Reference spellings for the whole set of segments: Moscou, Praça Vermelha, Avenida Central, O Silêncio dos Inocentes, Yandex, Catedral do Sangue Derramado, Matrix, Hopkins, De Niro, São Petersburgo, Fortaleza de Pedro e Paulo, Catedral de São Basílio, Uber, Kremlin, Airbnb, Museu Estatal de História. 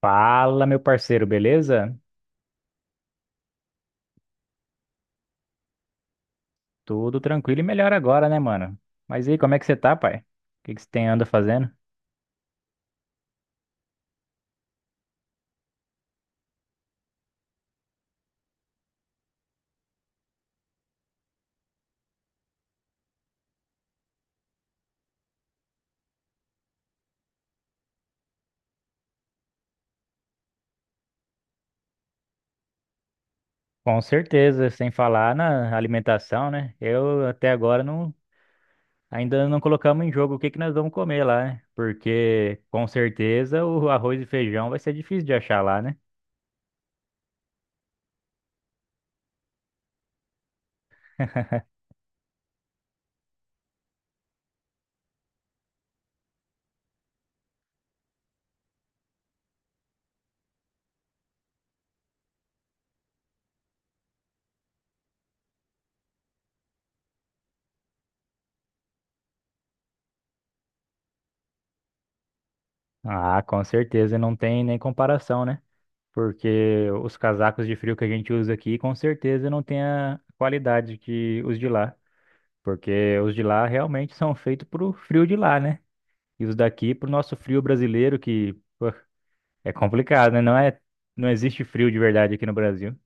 Fala, meu parceiro, beleza? Tudo tranquilo e melhor agora, né, mano? Mas e aí, como é que você tá, pai? O que que você tem anda fazendo? Com certeza, sem falar na alimentação, né? Eu até agora não, Ainda não colocamos em jogo o que que nós vamos comer lá, né? Porque com certeza o arroz e feijão vai ser difícil de achar lá, né? Ah, com certeza, não tem nem comparação, né? Porque os casacos de frio que a gente usa aqui, com certeza não tem a qualidade que os de lá. Porque os de lá realmente são feitos pro frio de lá, né? E os daqui pro nosso frio brasileiro, que pô, é complicado, né? Não existe frio de verdade aqui no Brasil.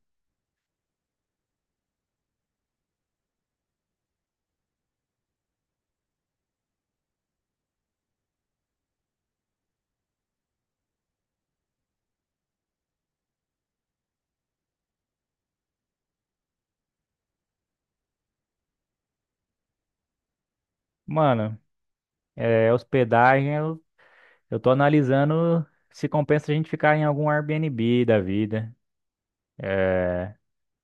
Mano, é, hospedagem, eu tô analisando se compensa a gente ficar em algum Airbnb da vida.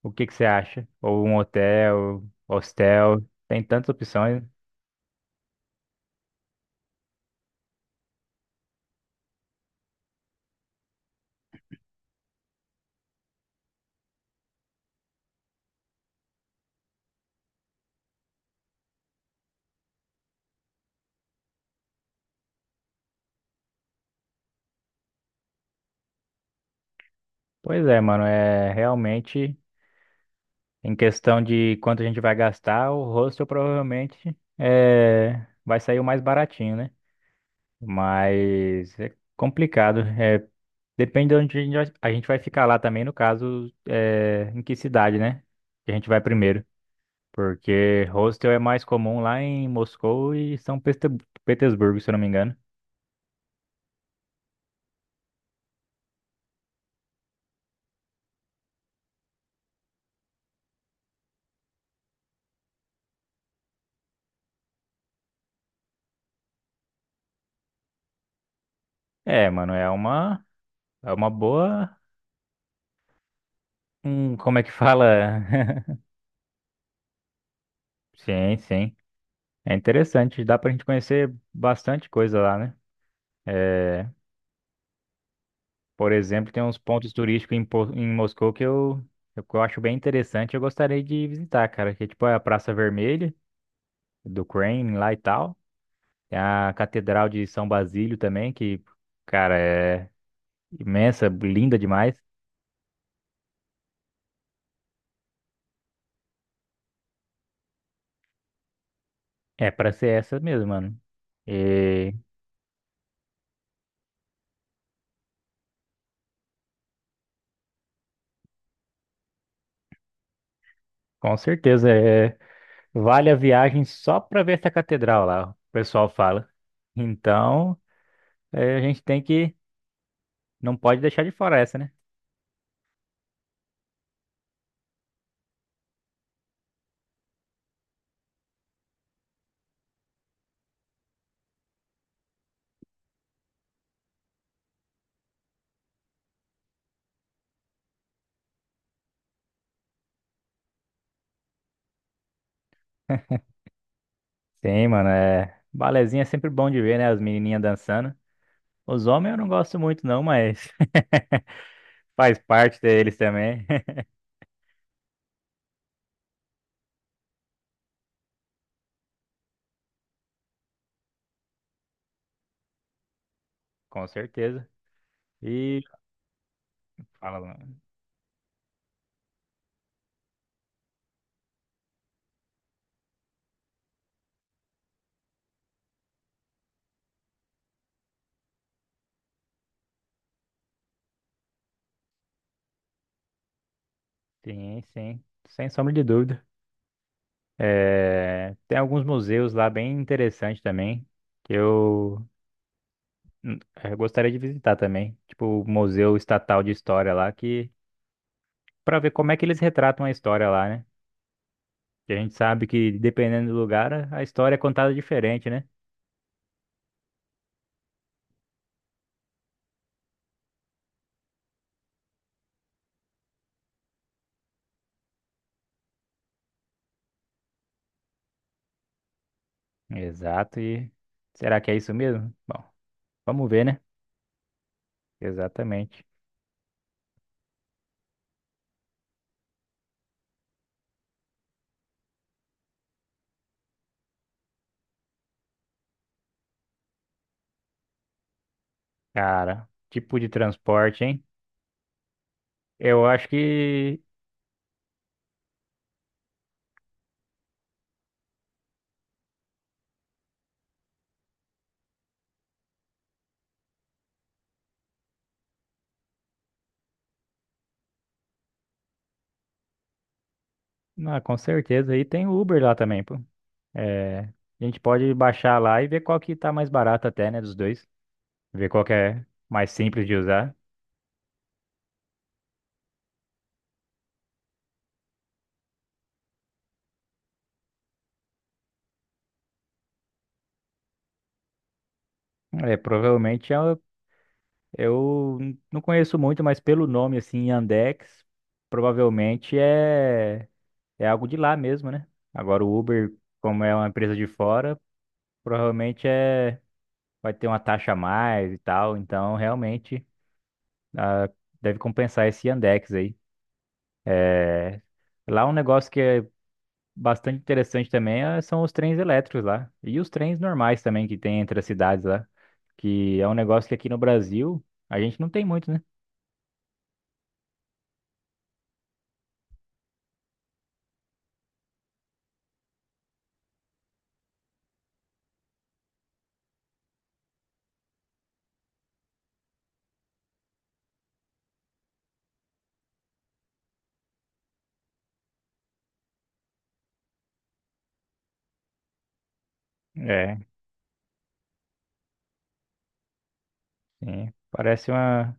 O que que você acha? Ou um hotel, hostel, tem tantas opções. Pois é, mano, é realmente. Em questão de quanto a gente vai gastar, o hostel provavelmente vai sair o mais baratinho, né? Mas é complicado. É, depende de onde a gente vai ficar lá também, no caso, é, em que cidade, né? Que a gente vai primeiro. Porque hostel é mais comum lá em Moscou e Petersburgo, se eu não me engano. É, mano, é uma boa. Como é que fala? Sim, sim. É interessante. Dá pra gente conhecer bastante coisa lá, né? É, por exemplo, tem uns pontos turísticos em, em Moscou que eu acho bem interessante. Eu gostaria de visitar, cara. Que é tipo a Praça Vermelha do Kremlin lá e tal. Tem a Catedral de São Basílio também, que, cara, é imensa, linda demais. É pra ser essa mesmo, mano. E com certeza é, vale a viagem só pra ver essa catedral lá, o pessoal fala. Então, é, a gente tem que, não pode deixar de fora essa, né? Sim, mano, é. Balezinho é sempre bom de ver, né? As menininhas dançando. Os homens eu não gosto muito, não, mas faz parte deles também. Com certeza. E fala, mano. Sim, sim. Sem sombra de dúvida. É, tem alguns museus lá bem interessantes também, que eu, hum, eu gostaria de visitar também. Tipo, o Museu Estatal de História lá, que para ver como é que eles retratam a história lá, né? Que a gente sabe que dependendo do lugar, a história é contada diferente, né? Exato, e será que é isso mesmo? Bom, vamos ver, né? Exatamente. Cara, tipo de transporte, hein? Eu acho que, ah, com certeza, aí tem o Uber lá também, pô. É, a gente pode baixar lá e ver qual que tá mais barato até, né, dos dois. Ver qual que é mais simples de usar. É, provavelmente não conheço muito, mas pelo nome, assim, Yandex, provavelmente é algo de lá mesmo, né? Agora o Uber, como é uma empresa de fora. Provavelmente é, vai ter uma taxa a mais e tal, então realmente ah, deve compensar esse Yandex aí. É, lá um negócio que é bastante interessante também são os trens elétricos lá. E os trens normais também que tem entre as cidades lá. Que é um negócio que aqui no Brasil a gente não tem muito, né? É, sim. Parece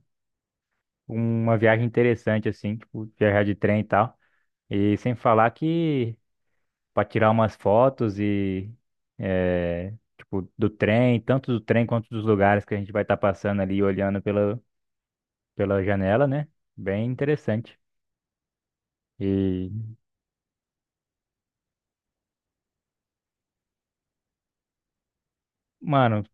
uma viagem interessante, assim, tipo, viajar de trem e tal. E sem falar que para tirar umas fotos e é, tipo do trem, tanto do trem quanto dos lugares que a gente vai estar passando ali olhando pela pela janela, né? Bem interessante. E, mano,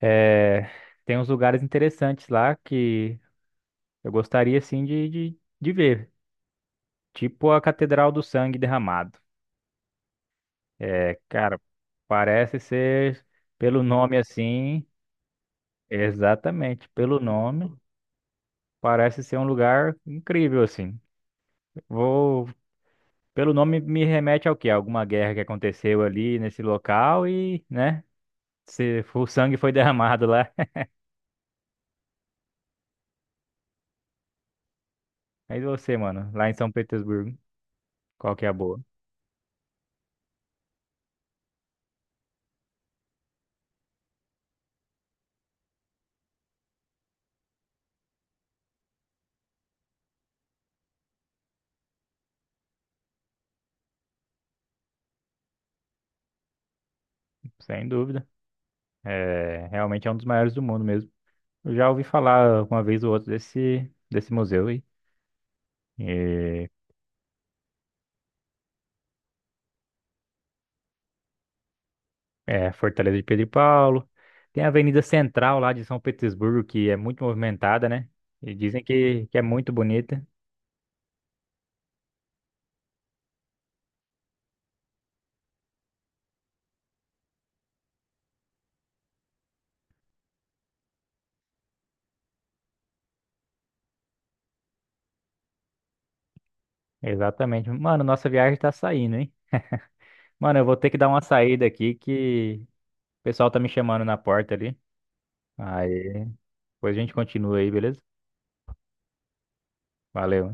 é, tem uns lugares interessantes lá que eu gostaria assim de ver, tipo a Catedral do Sangue Derramado. É, cara, parece ser pelo nome assim, exatamente, pelo nome, parece ser um lugar incrível assim. Vou, pelo nome me remete ao quê? Alguma guerra que aconteceu ali nesse local e, né? Se o sangue foi derramado lá. Aí você, mano, lá em São Petersburgo, qual que é a boa? Sem dúvida. É, realmente é um dos maiores do mundo mesmo. Eu já ouvi falar uma vez ou outra desse museu aí. E, é, Fortaleza de Pedro e Paulo. Tem a Avenida Central lá de São Petersburgo, que é muito movimentada, né? E dizem que é muito bonita. Exatamente. Mano, nossa viagem tá saindo, hein? Mano, eu vou ter que dar uma saída aqui que o pessoal tá me chamando na porta ali. Aí depois a gente continua aí, beleza? Valeu.